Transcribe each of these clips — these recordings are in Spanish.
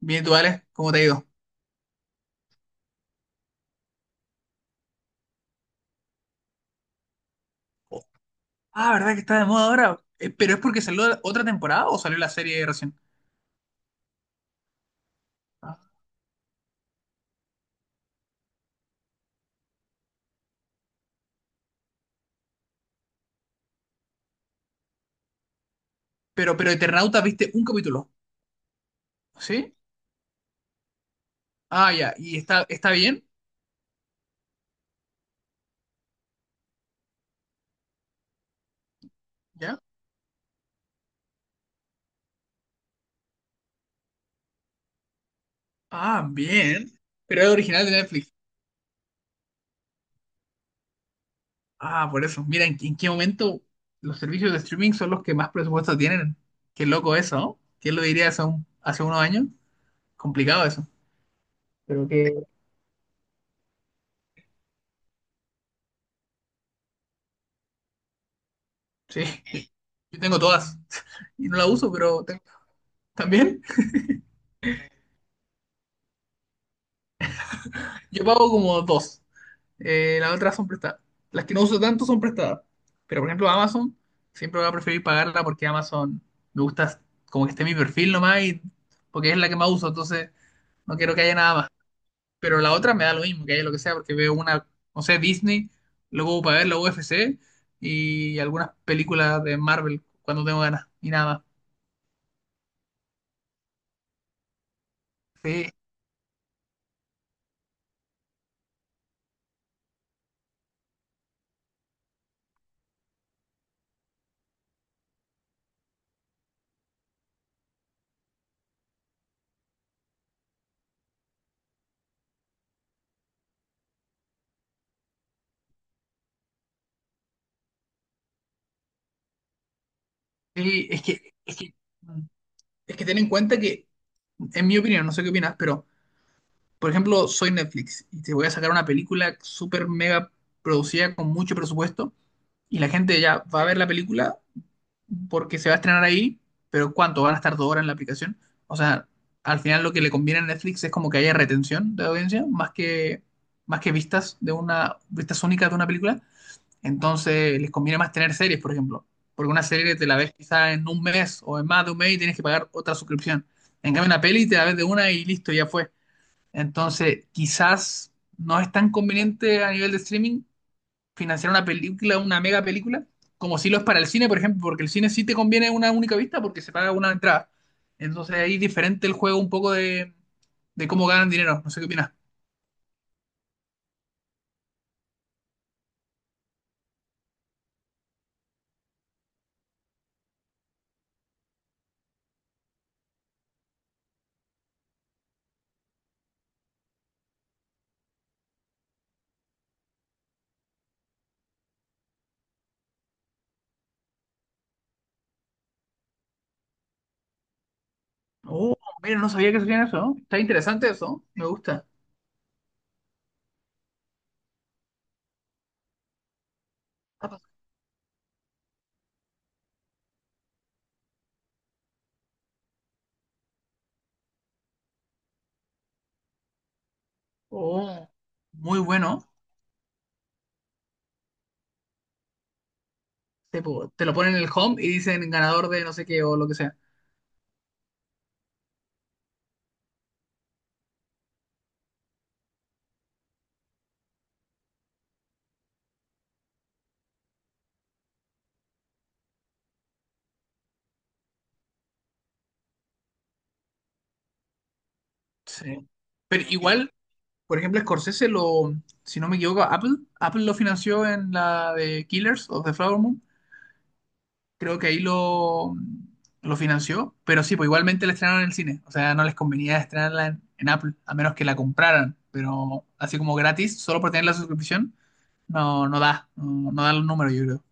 Bien, ¿tú, Alex? ¿Cómo te ha ido? Oh. Ah, ¿verdad que está de moda ahora? ¿pero es porque salió otra temporada o salió la serie recién? Ah. Pero Eternauta viste un capítulo, ¿sí? Ah, ya. ¿Y está bien? ¿Ya? Ah, bien. Pero es original de Netflix. Ah, por eso. Mira, en qué momento los servicios de streaming son los que más presupuesto tienen? Qué loco eso, ¿no? ¿Quién lo diría hace, hace unos años? Complicado eso. Pero que... Sí, yo tengo todas y no la uso, pero también yo pago como dos. Las otras son prestadas. Las que no uso tanto son prestadas. Pero por ejemplo, Amazon, siempre voy a preferir pagarla porque Amazon me gusta como que esté mi perfil nomás y porque es la que más uso, entonces no quiero que haya nada más. Pero la otra me da lo mismo, que haya lo que sea, porque veo una, no sé, Disney, luego para ver la UFC y algunas películas de Marvel cuando tengo ganas y nada más. Sí, sí, es que ten en cuenta que, en mi opinión, no sé qué opinas, pero por ejemplo, soy Netflix y te voy a sacar una película súper mega producida con mucho presupuesto y la gente ya va a ver la película porque se va a estrenar ahí, pero ¿cuánto? ¿Van a estar 2 horas en la aplicación? O sea, al final lo que le conviene a Netflix es como que haya retención de audiencia más más que vistas de una, vistas únicas de una película. Entonces les conviene más tener series, por ejemplo, porque una serie te la ves quizá en un mes o en más de un mes y tienes que pagar otra suscripción. En cambio, una peli te la ves de una y listo, ya fue. Entonces, quizás no es tan conveniente a nivel de streaming financiar una película, una mega película, como si lo es para el cine, por ejemplo, porque el cine sí te conviene una única vista porque se paga una entrada. Entonces ahí es diferente el juego un poco de cómo ganan dinero. No sé qué opinas. Oh, mira, no sabía que sabían eso, ¿no? Está interesante eso, me gusta. Oh, muy bueno. Te, te lo ponen en el home y dicen ganador de no sé qué o lo que sea. Sí. Pero igual por ejemplo, si no me equivoco, Apple lo financió en la de Killers of the Flower Moon. Creo que ahí lo financió, pero sí, pues igualmente la estrenaron en el cine. O sea, no les convenía estrenarla en Apple, a menos que la compraran. Pero así como gratis, solo por tener la suscripción, no da, no da los números, yo creo.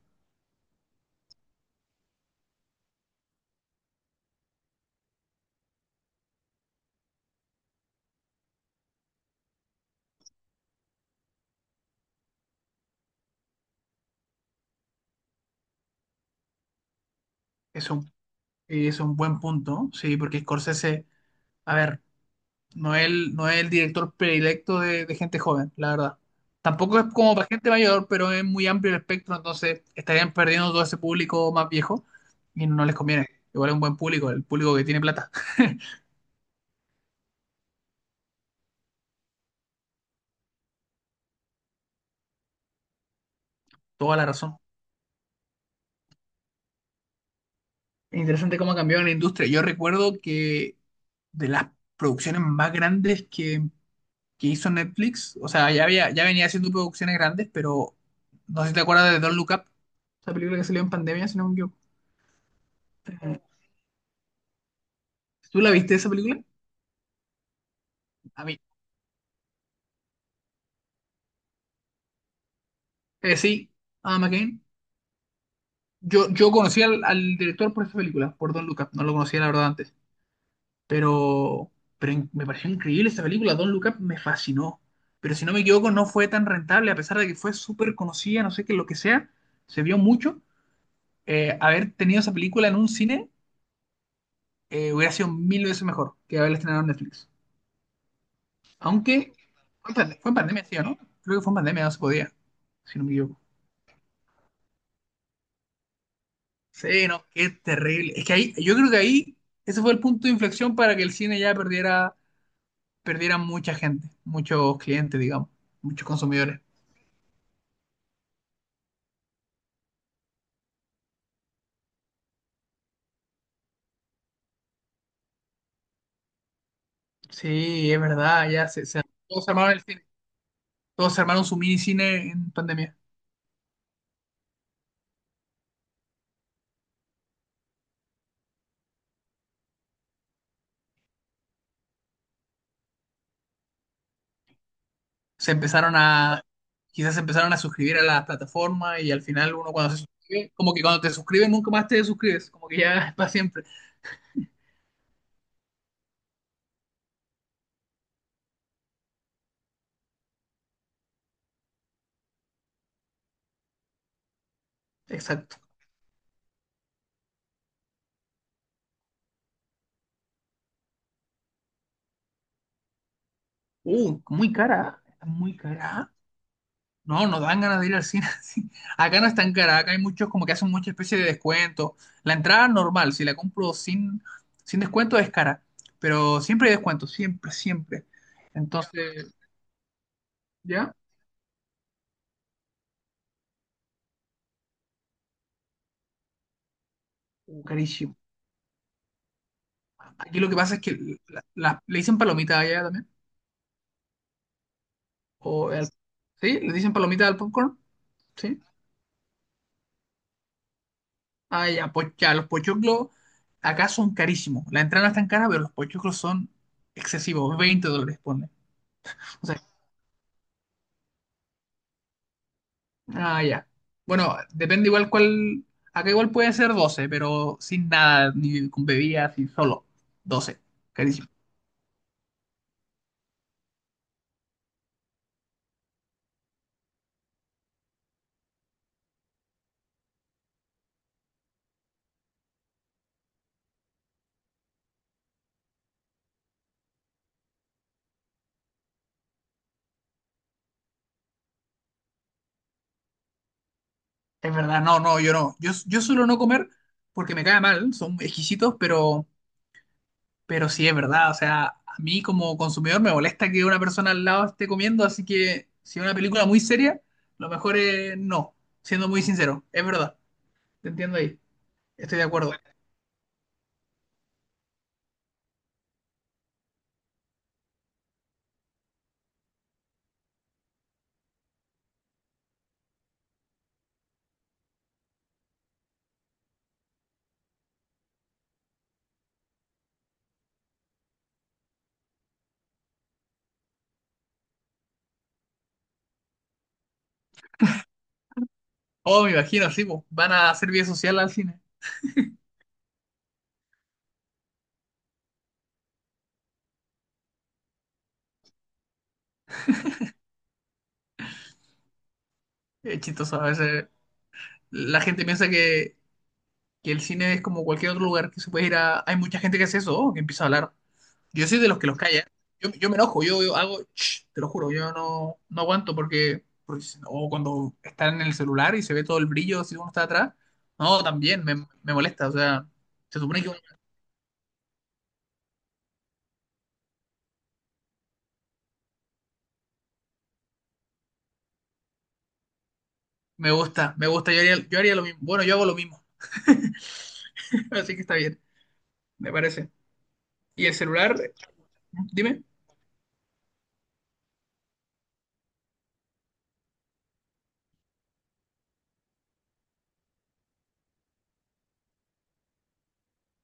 Es un, es un buen punto, sí, porque Scorsese, a ver. No es no es el director predilecto de gente joven, la verdad. Tampoco es como para gente mayor, pero es muy amplio el espectro, entonces estarían perdiendo todo ese público más viejo y no les conviene. Igual es un buen público, el público que tiene plata. Toda la razón. Es interesante cómo ha cambiado la industria. Yo recuerdo que de las producciones más grandes que hizo Netflix, o sea, ya había, ya venía haciendo producciones grandes, pero no sé si te acuerdas de Don't Look Up, esa película que salió en pandemia, si no me equivoco. Eh, ¿Tú la viste esa película? A mí, eh, sí, Adam McKay. Yo conocí al director por esta película, por Don Look Up. No lo conocía, la verdad, antes. Pero, pero me pareció increíble esta película. Don Look Up me fascinó. Pero si no me equivoco, no fue tan rentable, a pesar de que fue súper conocida, no sé qué, lo que sea. Se vio mucho. Haber tenido esa película en un cine hubiera sido 1000 veces mejor que haberla estrenado en Netflix. Aunque fue fue en pandemia, sí, ¿o ¿no? Creo que fue en pandemia, no se podía, si no me equivoco. Sí, no, qué terrible. Es que ahí, ese fue el punto de inflexión para que el cine ya perdiera mucha gente, muchos clientes, digamos, muchos consumidores. Sí, es verdad, todos se armaron el cine, todos se armaron su mini cine en pandemia. Se empezaron a, quizás se empezaron a suscribir a las plataformas y al final uno cuando se suscribe, como que cuando te suscribes nunca más te suscribes, como que ya es para siempre. Exacto. Muy cara, está muy cara. No, no dan ganas de ir al cine. Sí. Acá no es tan cara, acá hay muchos como que hacen mucha especie de descuento. La entrada normal, si la compro sin descuento es cara, pero siempre hay descuento, siempre, siempre. Entonces, ¿ya? Carísimo. Aquí lo que pasa es que le dicen palomita allá también. O al- ¿Sí? Le dicen palomita al popcorn, ¿sí? Ah, ya, pues ya, los pochoclos acá son carísimos. La entrada no es tan cara, pero los pochoclos son excesivos, 20 dólares, pone. O sea, ah, ya. Bueno, depende igual cuál. Acá igual puede ser 12, pero sin nada, ni con bebidas, ni solo. 12. Carísimo. Es verdad, no, no, yo no. Yo suelo no comer porque me cae mal, son exquisitos, pero sí es verdad. O sea, a mí como consumidor me molesta que una persona al lado esté comiendo, así que si es una película muy seria, lo mejor es no, siendo muy sincero. Es verdad, te entiendo ahí, estoy de acuerdo. Oh, me imagino, sí, po, van a hacer vía social al cine. Es chistoso a veces la gente piensa que el cine es como cualquier otro lugar que se puede ir a... Hay mucha gente que hace eso, que empieza a hablar. Yo soy de los que los calla. Yo me enojo, yo hago, "Shh", te lo juro, yo no, no aguanto porque, no, o cuando están en el celular y se ve todo el brillo si uno está atrás, no, también me molesta, o sea, se supone que me gusta, yo haría lo mismo, bueno, yo hago lo mismo, así que está bien, me parece. Y el celular, dime,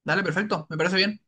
dale, perfecto, me parece bien.